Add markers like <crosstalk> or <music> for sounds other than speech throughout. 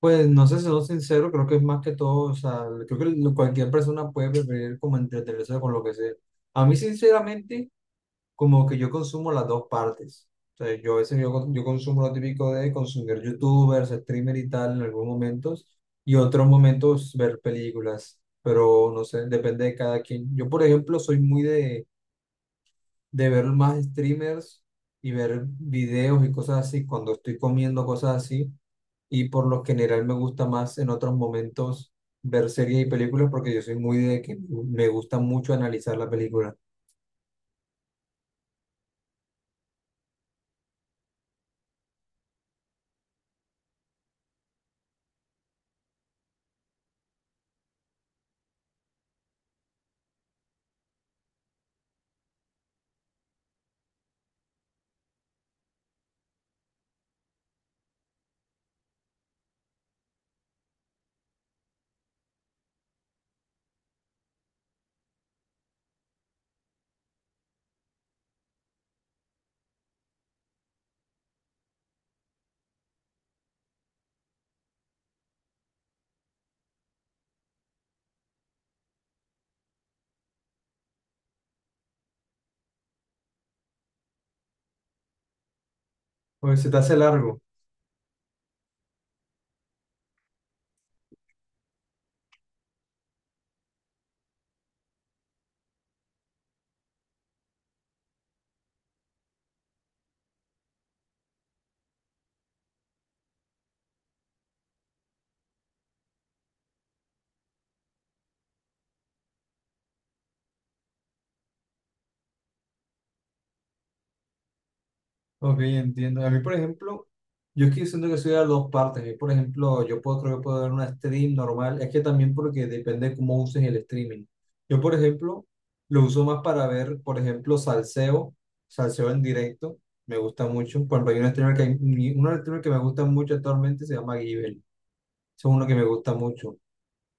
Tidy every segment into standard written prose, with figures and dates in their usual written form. Pues no sé, siendo sincero, creo que es más que todo, o sea, creo que cualquier persona puede preferir como entretenerse con lo que sea. A mí, sinceramente, como que yo consumo las dos partes. O sea, yo a veces yo, con- yo consumo lo típico de consumir youtubers, streamer y tal en algunos momentos, y otros momentos ver películas, pero no sé, depende de cada quien. Yo, por ejemplo, soy muy de ver más streamers y ver videos y cosas así cuando estoy comiendo cosas así, y por lo general me gusta más en otros momentos ver series y películas, porque yo soy muy de que me gusta mucho analizar la película. Oye, se te hace largo. Ok, entiendo. A mí, por ejemplo, yo es que siento que soy de las dos partes. A mí, por ejemplo, yo puedo, creo que puedo ver una stream normal. Es que también porque depende de cómo uses el streaming. Yo, por ejemplo, lo uso más para ver, por ejemplo, salseo, salseo en directo. Me gusta mucho. Por ejemplo, hay un streamer que me gusta mucho actualmente, se llama Givel. Es uno que me gusta mucho.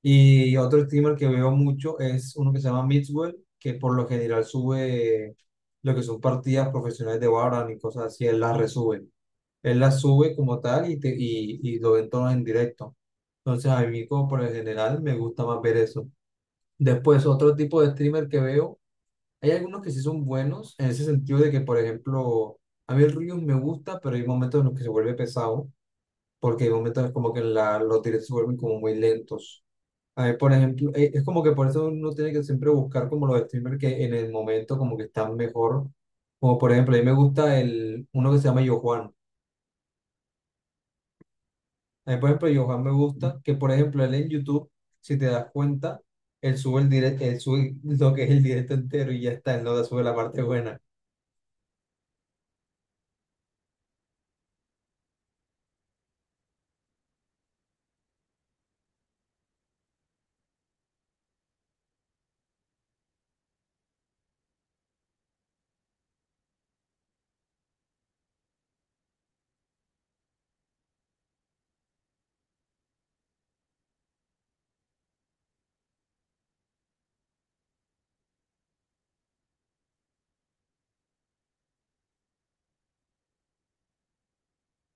Y otro streamer que veo mucho es uno que se llama Mixwell, que por lo general sube lo que son partidas profesionales de Valorant y cosas así, él las resube. Él las sube como tal y lo ven todos en directo. Entonces a mí como por lo general me gusta más ver eso. Después otro tipo de streamer que veo, hay algunos que sí son buenos en ese sentido de que, por ejemplo, a mí el Riot me gusta, pero hay momentos en los que se vuelve pesado, porque hay momentos como que la, los directos se vuelven como muy lentos a ver, por ejemplo, es como que por eso uno tiene que siempre buscar como los streamers que en el momento como que están mejor. Como por ejemplo, a mí me gusta el, uno que se llama Yo Juan. A mí, por ejemplo, Yo Juan me gusta que, por ejemplo, él en YouTube, si te das cuenta, él sube el directo, él sube lo que es el directo entero y ya está, él no la sube la parte buena.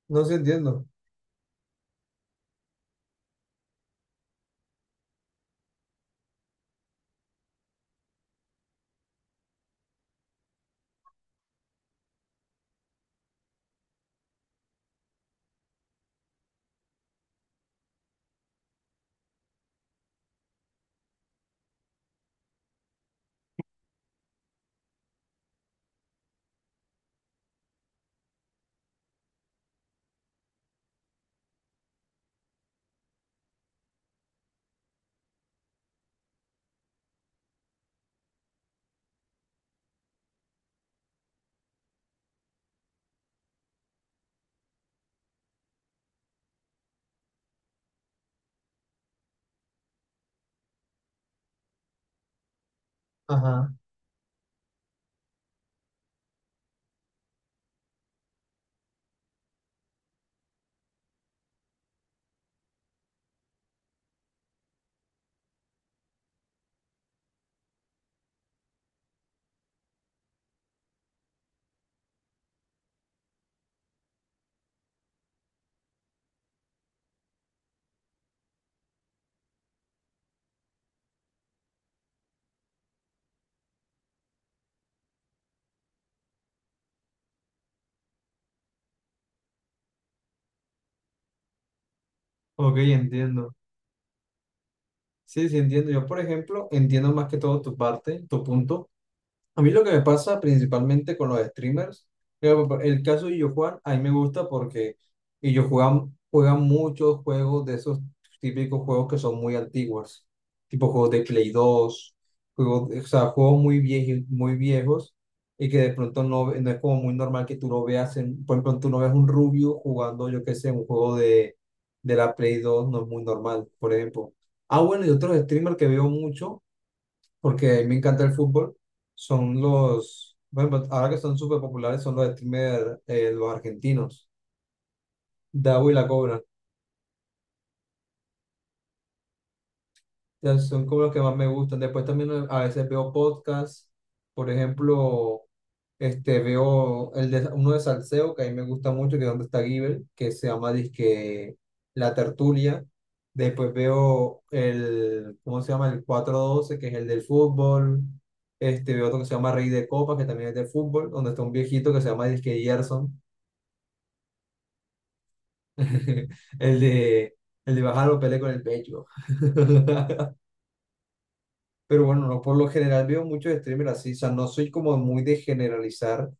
No sé, entiendo. Ajá. Ok, entiendo. Sí, sí, entiendo. Yo, por ejemplo, entiendo más que todo tu parte, tu punto. A mí lo que me pasa principalmente con los streamers, eh, el caso de Illo Juan, a mí me gusta porque Illo Juan juega muchos juegos de esos típicos juegos que son muy antiguos, tipo juegos de Play 2, juegos, o sea, juegos muy viejos, muy viejos, y que de pronto no, no es como muy normal que tú lo veas, en, por ejemplo, tú no ves un rubio jugando, yo qué sé, un juego de la Play 2, no es muy normal, por ejemplo. Ah, bueno, y otros streamers que veo mucho porque a mí me encanta el fútbol, son los, bueno, ahora que son súper populares, son los streamers, los argentinos, Dabu y la Cobra. Sea, son como los que más me gustan. Después también, a veces veo podcasts, por ejemplo, este, veo el de, uno de Salseo, que a mí me gusta mucho, que es donde está Giver, que se llama disque La Tertulia. Después veo el, ¿cómo se llama? El 412, que es el del fútbol. Este, veo otro que se llama Rey de Copas, que también es del fútbol, donde está un viejito que se llama disque Gerson, <laughs> el de, el de bajar los pele con el pecho. <laughs> Pero bueno, no, por lo general veo muchos streamers así, o sea, no soy como muy de generalizar, o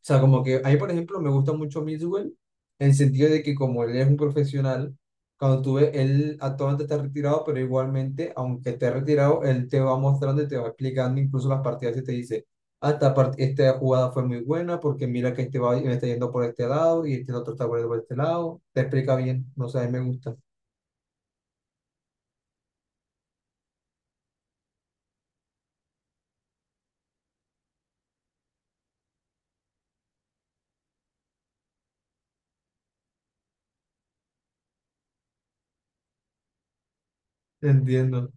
sea, como que ahí, por ejemplo, me gusta mucho Mixwell, en el sentido de que como él es un profesional, cuando tú ves, él actualmente está retirado, pero igualmente, aunque esté retirado, él te va mostrando y te va explicando incluso las partidas y te dice, ah, esta, esta jugada fue muy buena porque mira que este va me está yendo por este lado y este otro está por este lado, te explica bien, no sé, a mí me gusta. Entiendo,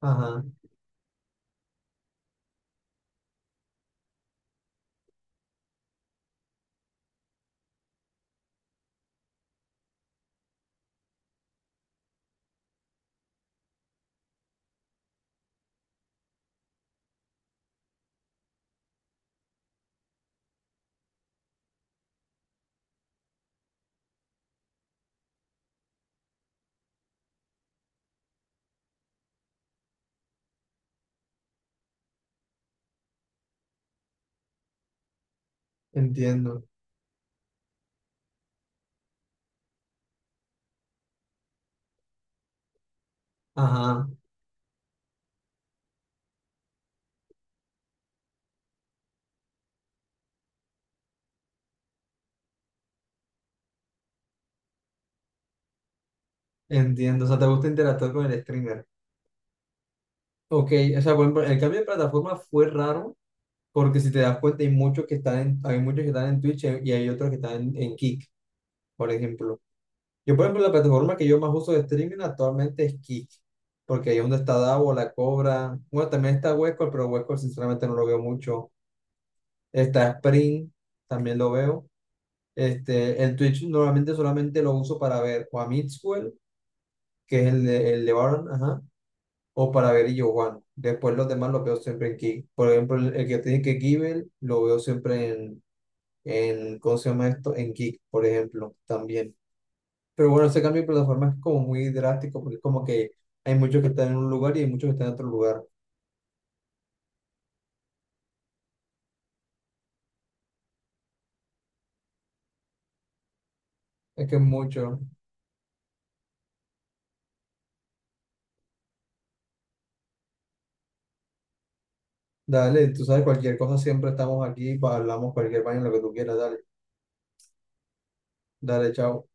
ajá, entiendo, ajá. Entiendo, o sea, te gusta interactuar con el streamer. Ok, o sea, por ejemplo, el cambio de plataforma fue raro, porque si te das cuenta hay muchos que están en, hay muchos que están en Twitch, y hay otros que están en Kick, por ejemplo. Yo, por ejemplo, la plataforma que yo más uso de streaming actualmente es Kick, porque ahí es donde está Davo, La Cobra, bueno, también está Huesco, pero Huesco sinceramente no lo veo mucho. Está Spring, también lo veo. Este, el Twitch normalmente solamente lo uso para ver o a Mixwell, que es el de Baron, ajá, o para ver y Juan. Después los demás los veo siempre en Kick. Por ejemplo, el que tiene que Kibel lo veo siempre en, ¿cómo se llama esto? En Kick, por ejemplo, también. Pero bueno, ese cambio de plataforma es como muy drástico, porque es como que hay muchos que están en un lugar y hay muchos que están en otro lugar. Es que es mucho. Dale, tú sabes, cualquier cosa siempre estamos aquí, hablamos cualquier baño, lo que tú quieras, dale, dale, chao.